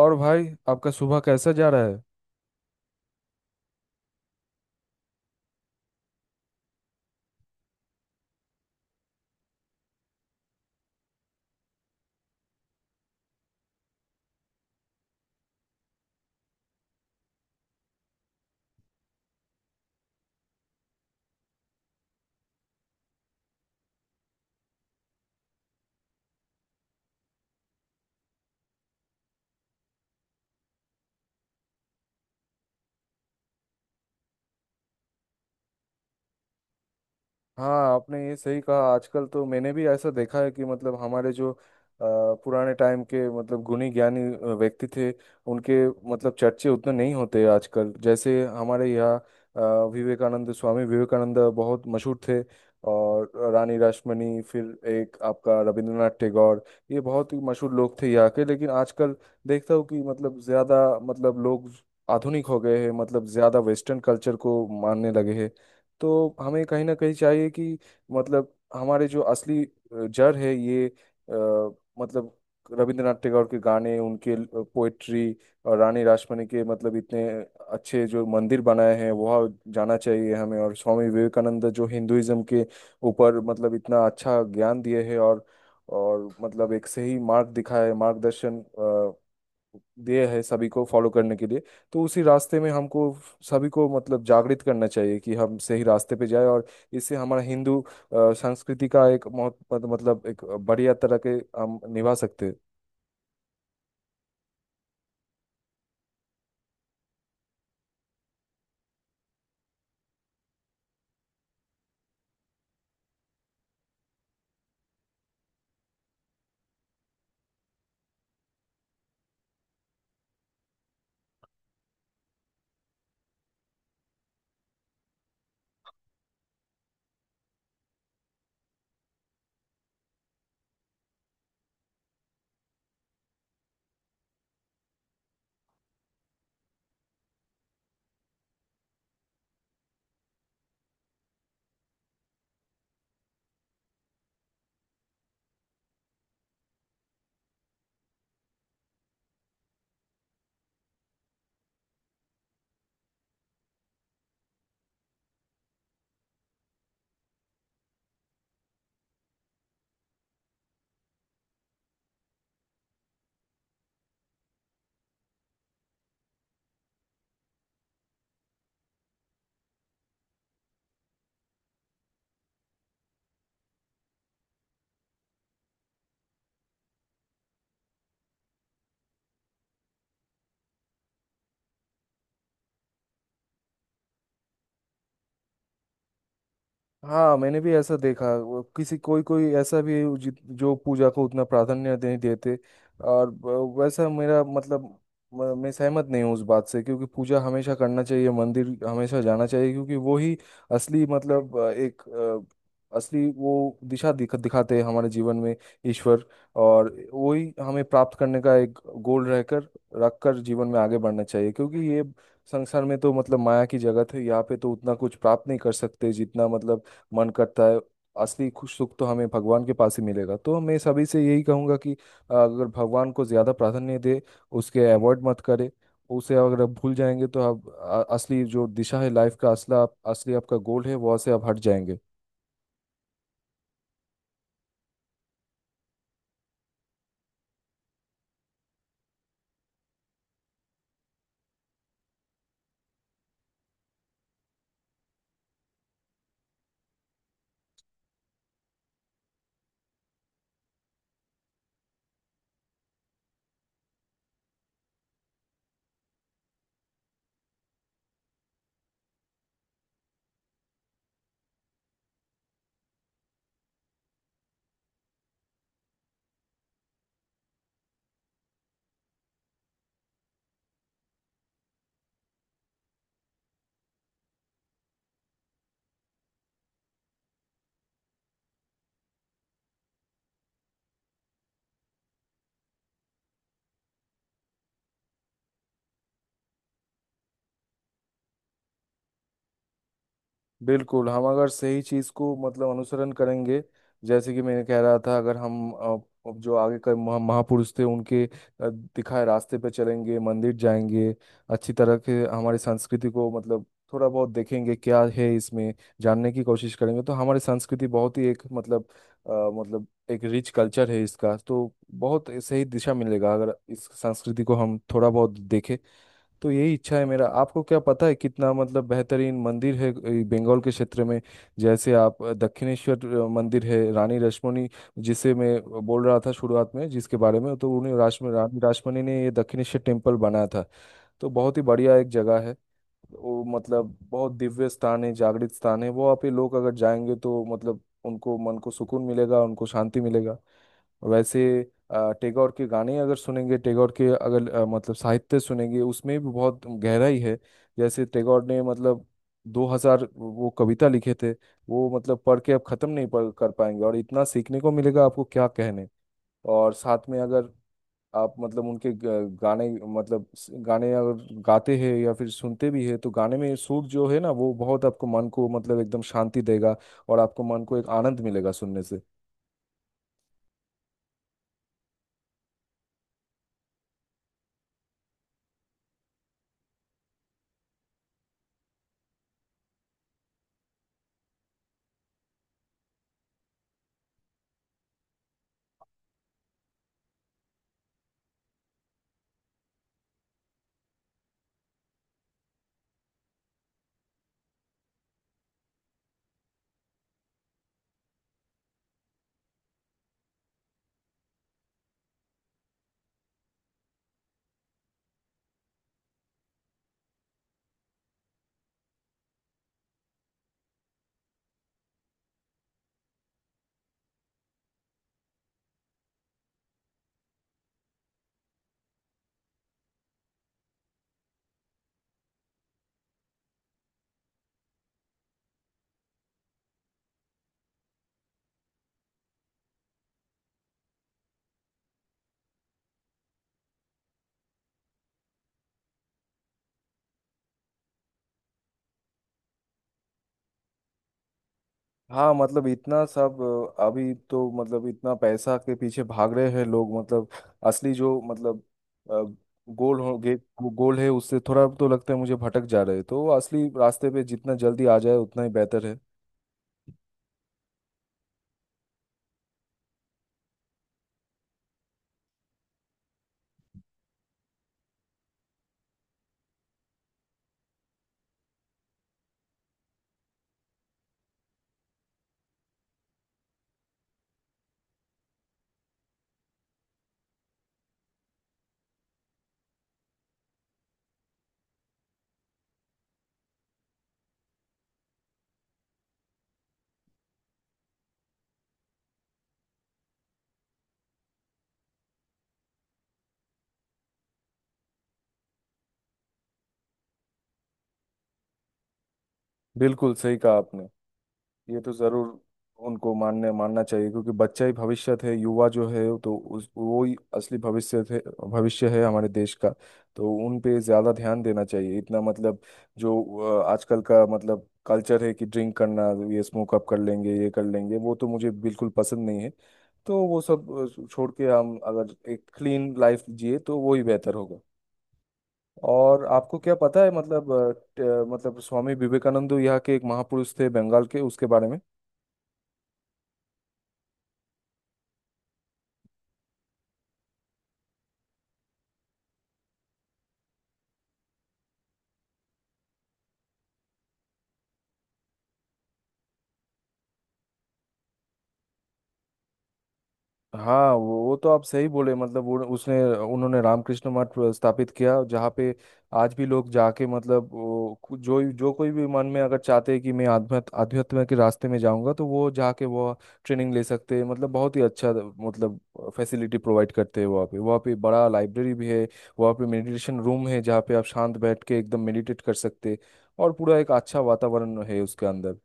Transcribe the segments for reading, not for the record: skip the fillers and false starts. और भाई आपका सुबह कैसा जा रहा है? हाँ, आपने ये सही कहा। आजकल तो मैंने भी ऐसा देखा है कि मतलब हमारे जो पुराने टाइम के मतलब गुणी ज्ञानी व्यक्ति थे, उनके मतलब चर्चे उतने नहीं होते आजकल। जैसे हमारे यहाँ अ, विवेकानंद, स्वामी विवेकानंद बहुत मशहूर थे, और रानी रासमणी, फिर एक आपका रविंद्रनाथ टैगोर, ये बहुत ही मशहूर लोग थे यहाँ के। लेकिन आजकल देखता हूँ कि मतलब ज़्यादा मतलब लोग आधुनिक हो गए हैं, मतलब ज़्यादा वेस्टर्न कल्चर को मानने लगे हैं। तो हमें कहीं ना कहीं चाहिए कि मतलब हमारे जो असली जड़ है ये मतलब रविंद्रनाथ टैगोर के गाने, उनके पोएट्री, और रानी रासमणी के मतलब इतने अच्छे जो मंदिर बनाए हैं, वह जाना चाहिए हमें। और स्वामी विवेकानंद जो हिंदुइज्म के ऊपर मतलब इतना अच्छा ज्ञान दिए हैं, और मतलब एक सही मार्ग दिखाया है, मार्गदर्शन दिए है सभी को फॉलो करने के लिए। तो उसी रास्ते में हमको सभी को मतलब जागृत करना चाहिए कि हम सही रास्ते पे जाए, और इससे हमारा हिंदू अ, संस्कृति का एक मतलब एक बढ़िया तरह के हम निभा सकते हैं। हाँ, मैंने भी ऐसा देखा। वो किसी कोई कोई ऐसा भी है जो पूजा को उतना प्राधान्य नहीं देते, और वैसा मेरा मतलब मैं सहमत नहीं हूँ उस बात से, क्योंकि पूजा हमेशा करना चाहिए, मंदिर हमेशा जाना चाहिए। क्योंकि वो ही असली मतलब एक असली वो दिशा दिखाते हैं हमारे जीवन में ईश्वर। और वही हमें प्राप्त करने का एक गोल रहकर, रख कर जीवन में आगे बढ़ना चाहिए, क्योंकि ये संसार में तो मतलब माया की जगत है, यहाँ पे तो उतना कुछ प्राप्त नहीं कर सकते जितना मतलब मन करता है। असली खुश सुख तो हमें भगवान के पास ही मिलेगा। तो मैं सभी से यही कहूँगा कि अगर भगवान को ज़्यादा प्राधान्य दे, उसके अवॉइड मत करे। उसे अगर आप भूल जाएंगे, तो आप असली जो दिशा है लाइफ का, असला असली आपका गोल है, वहाँ से आप हट जाएंगे। बिल्कुल, हम अगर सही चीज को मतलब अनुसरण करेंगे, जैसे कि मैंने कह रहा था, अगर हम अब जो आगे का महापुरुष थे उनके दिखाए रास्ते पे चलेंगे, मंदिर जाएंगे, अच्छी तरह के हमारी संस्कृति को मतलब थोड़ा बहुत देखेंगे क्या है इसमें, जानने की कोशिश करेंगे, तो हमारी संस्कृति बहुत ही एक मतलब मतलब एक रिच कल्चर है इसका। तो बहुत सही दिशा मिलेगा अगर इस संस्कृति को हम थोड़ा बहुत देखें। तो यही इच्छा है मेरा। आपको क्या पता है कितना मतलब बेहतरीन मंदिर है ये बंगाल के क्षेत्र में? जैसे आप दक्षिणेश्वर मंदिर है, रानी रश्मनी जिसे मैं बोल रहा था शुरुआत में जिसके बारे में, तो उन्हें राश्म रानी रश्मनी ने ये दक्षिणेश्वर टेम्पल बनाया था। तो बहुत ही बढ़िया एक जगह है वो। मतलब बहुत दिव्य स्थान है, जागृत स्थान है वो। आप ये लोग अगर जाएंगे तो मतलब उनको मन को सुकून मिलेगा, उनको शांति मिलेगा। वैसे टैगोर के गाने अगर सुनेंगे, टैगोर के अगर मतलब साहित्य सुनेंगे, उसमें भी बहुत गहराई है। जैसे टैगोर ने मतलब 2000 वो कविता लिखे थे, वो मतलब पढ़ के आप खत्म नहीं पढ़ कर पाएंगे, और इतना सीखने को मिलेगा आपको, क्या कहने। और साथ में अगर आप मतलब उनके गाने मतलब गाने अगर गाते हैं या फिर सुनते भी हैं, तो गाने में सुर जो है ना, वो बहुत आपको मन को मतलब एकदम शांति देगा, और आपको मन को एक आनंद मिलेगा सुनने से। हाँ, मतलब इतना सब अभी तो मतलब इतना पैसा के पीछे भाग रहे हैं लोग। मतलब असली जो मतलब गोल हो गे, गोल है उससे थोड़ा तो लगता है मुझे भटक जा रहे हैं, तो असली रास्ते पे जितना जल्दी आ जाए उतना ही बेहतर है। बिल्कुल सही कहा आपने। ये तो जरूर उनको मानने मानना चाहिए, क्योंकि बच्चा ही भविष्य है, युवा जो है तो उस वो ही असली भविष्य है हमारे देश का। तो उन पे ज्यादा ध्यान देना चाहिए इतना। मतलब जो आजकल का मतलब कल्चर है कि ड्रिंक करना, ये स्मोक अप कर लेंगे, ये कर लेंगे वो, तो मुझे बिल्कुल पसंद नहीं है। तो वो सब छोड़ के हम अगर एक क्लीन लाइफ जिए, तो वो ही बेहतर होगा। और आपको क्या पता है मतलब मतलब स्वामी विवेकानंद यहाँ के एक महापुरुष थे बंगाल के, उसके बारे में? हाँ, वो तो आप सही बोले। मतलब वो उसने उन्होंने रामकृष्ण मठ स्थापित किया जहाँ पे आज भी लोग जाके, मतलब वो जो जो कोई भी मन में अगर चाहते हैं कि मैं आध्यात्म आध्यात्म के रास्ते में जाऊंगा, तो वो जाके वो ट्रेनिंग ले सकते हैं। मतलब बहुत ही अच्छा मतलब फैसिलिटी प्रोवाइड करते हैं वहाँ पे बड़ा लाइब्रेरी भी है, वहाँ पे मेडिटेशन रूम है जहाँ पे आप शांत बैठ के एकदम मेडिटेट कर सकते हैं, और पूरा एक अच्छा वातावरण है उसके अंदर।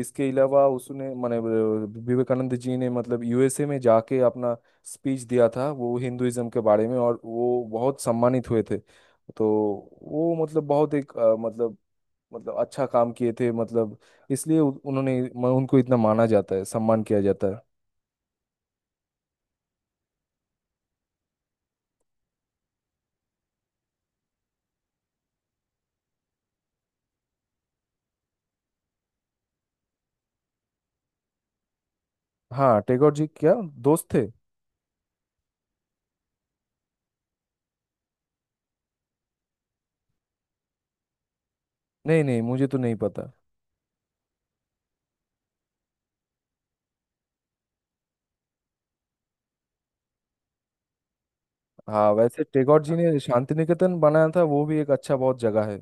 इसके अलावा उसने माने विवेकानंद जी ने मतलब यूएसए में जाके अपना स्पीच दिया था वो हिंदुइज्म के बारे में, और वो बहुत सम्मानित हुए थे। तो वो मतलब बहुत एक मतलब अच्छा काम किए थे, मतलब इसलिए उन्होंने उनको इतना माना जाता है, सम्मान किया जाता है। हाँ, टैगोर जी क्या दोस्त थे? नहीं, नहीं, मुझे तो नहीं पता। हाँ, वैसे टैगोर जी ने शांति निकेतन बनाया था, वो भी एक अच्छा बहुत जगह है।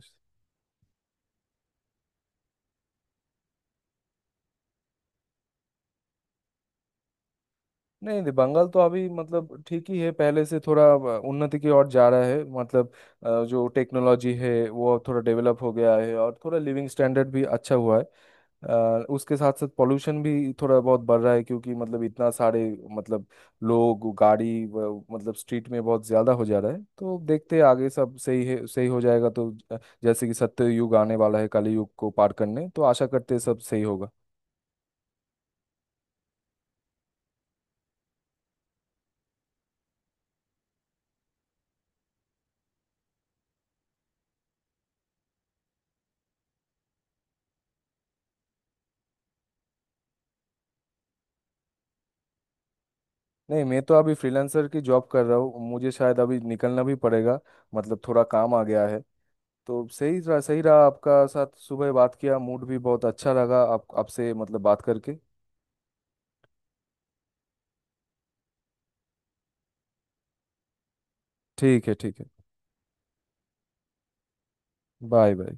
नहीं, नहीं, बंगाल तो अभी मतलब ठीक ही है, पहले से थोड़ा उन्नति की ओर जा रहा है। मतलब जो टेक्नोलॉजी है वो थोड़ा डेवलप हो गया है, और थोड़ा लिविंग स्टैंडर्ड भी अच्छा हुआ है। उसके साथ साथ पोल्यूशन भी थोड़ा बहुत बढ़ रहा है, क्योंकि मतलब इतना सारे मतलब लोग गाड़ी मतलब स्ट्रीट में बहुत ज़्यादा हो जा रहा है। तो देखते हैं, आगे सब सही है, सही हो जाएगा तो जैसे कि सत्य युग आने वाला है कली युग को पार करने, तो आशा करते हैं सब सही होगा। नहीं, मैं तो अभी फ्रीलांसर की जॉब कर रहा हूँ, मुझे शायद अभी निकलना भी पड़ेगा, मतलब थोड़ा काम आ गया है। तो सही रहा, सही रहा आपका साथ, सुबह बात किया मूड भी बहुत अच्छा लगा आप आपसे मतलब बात करके। ठीक है, ठीक है। Bye bye.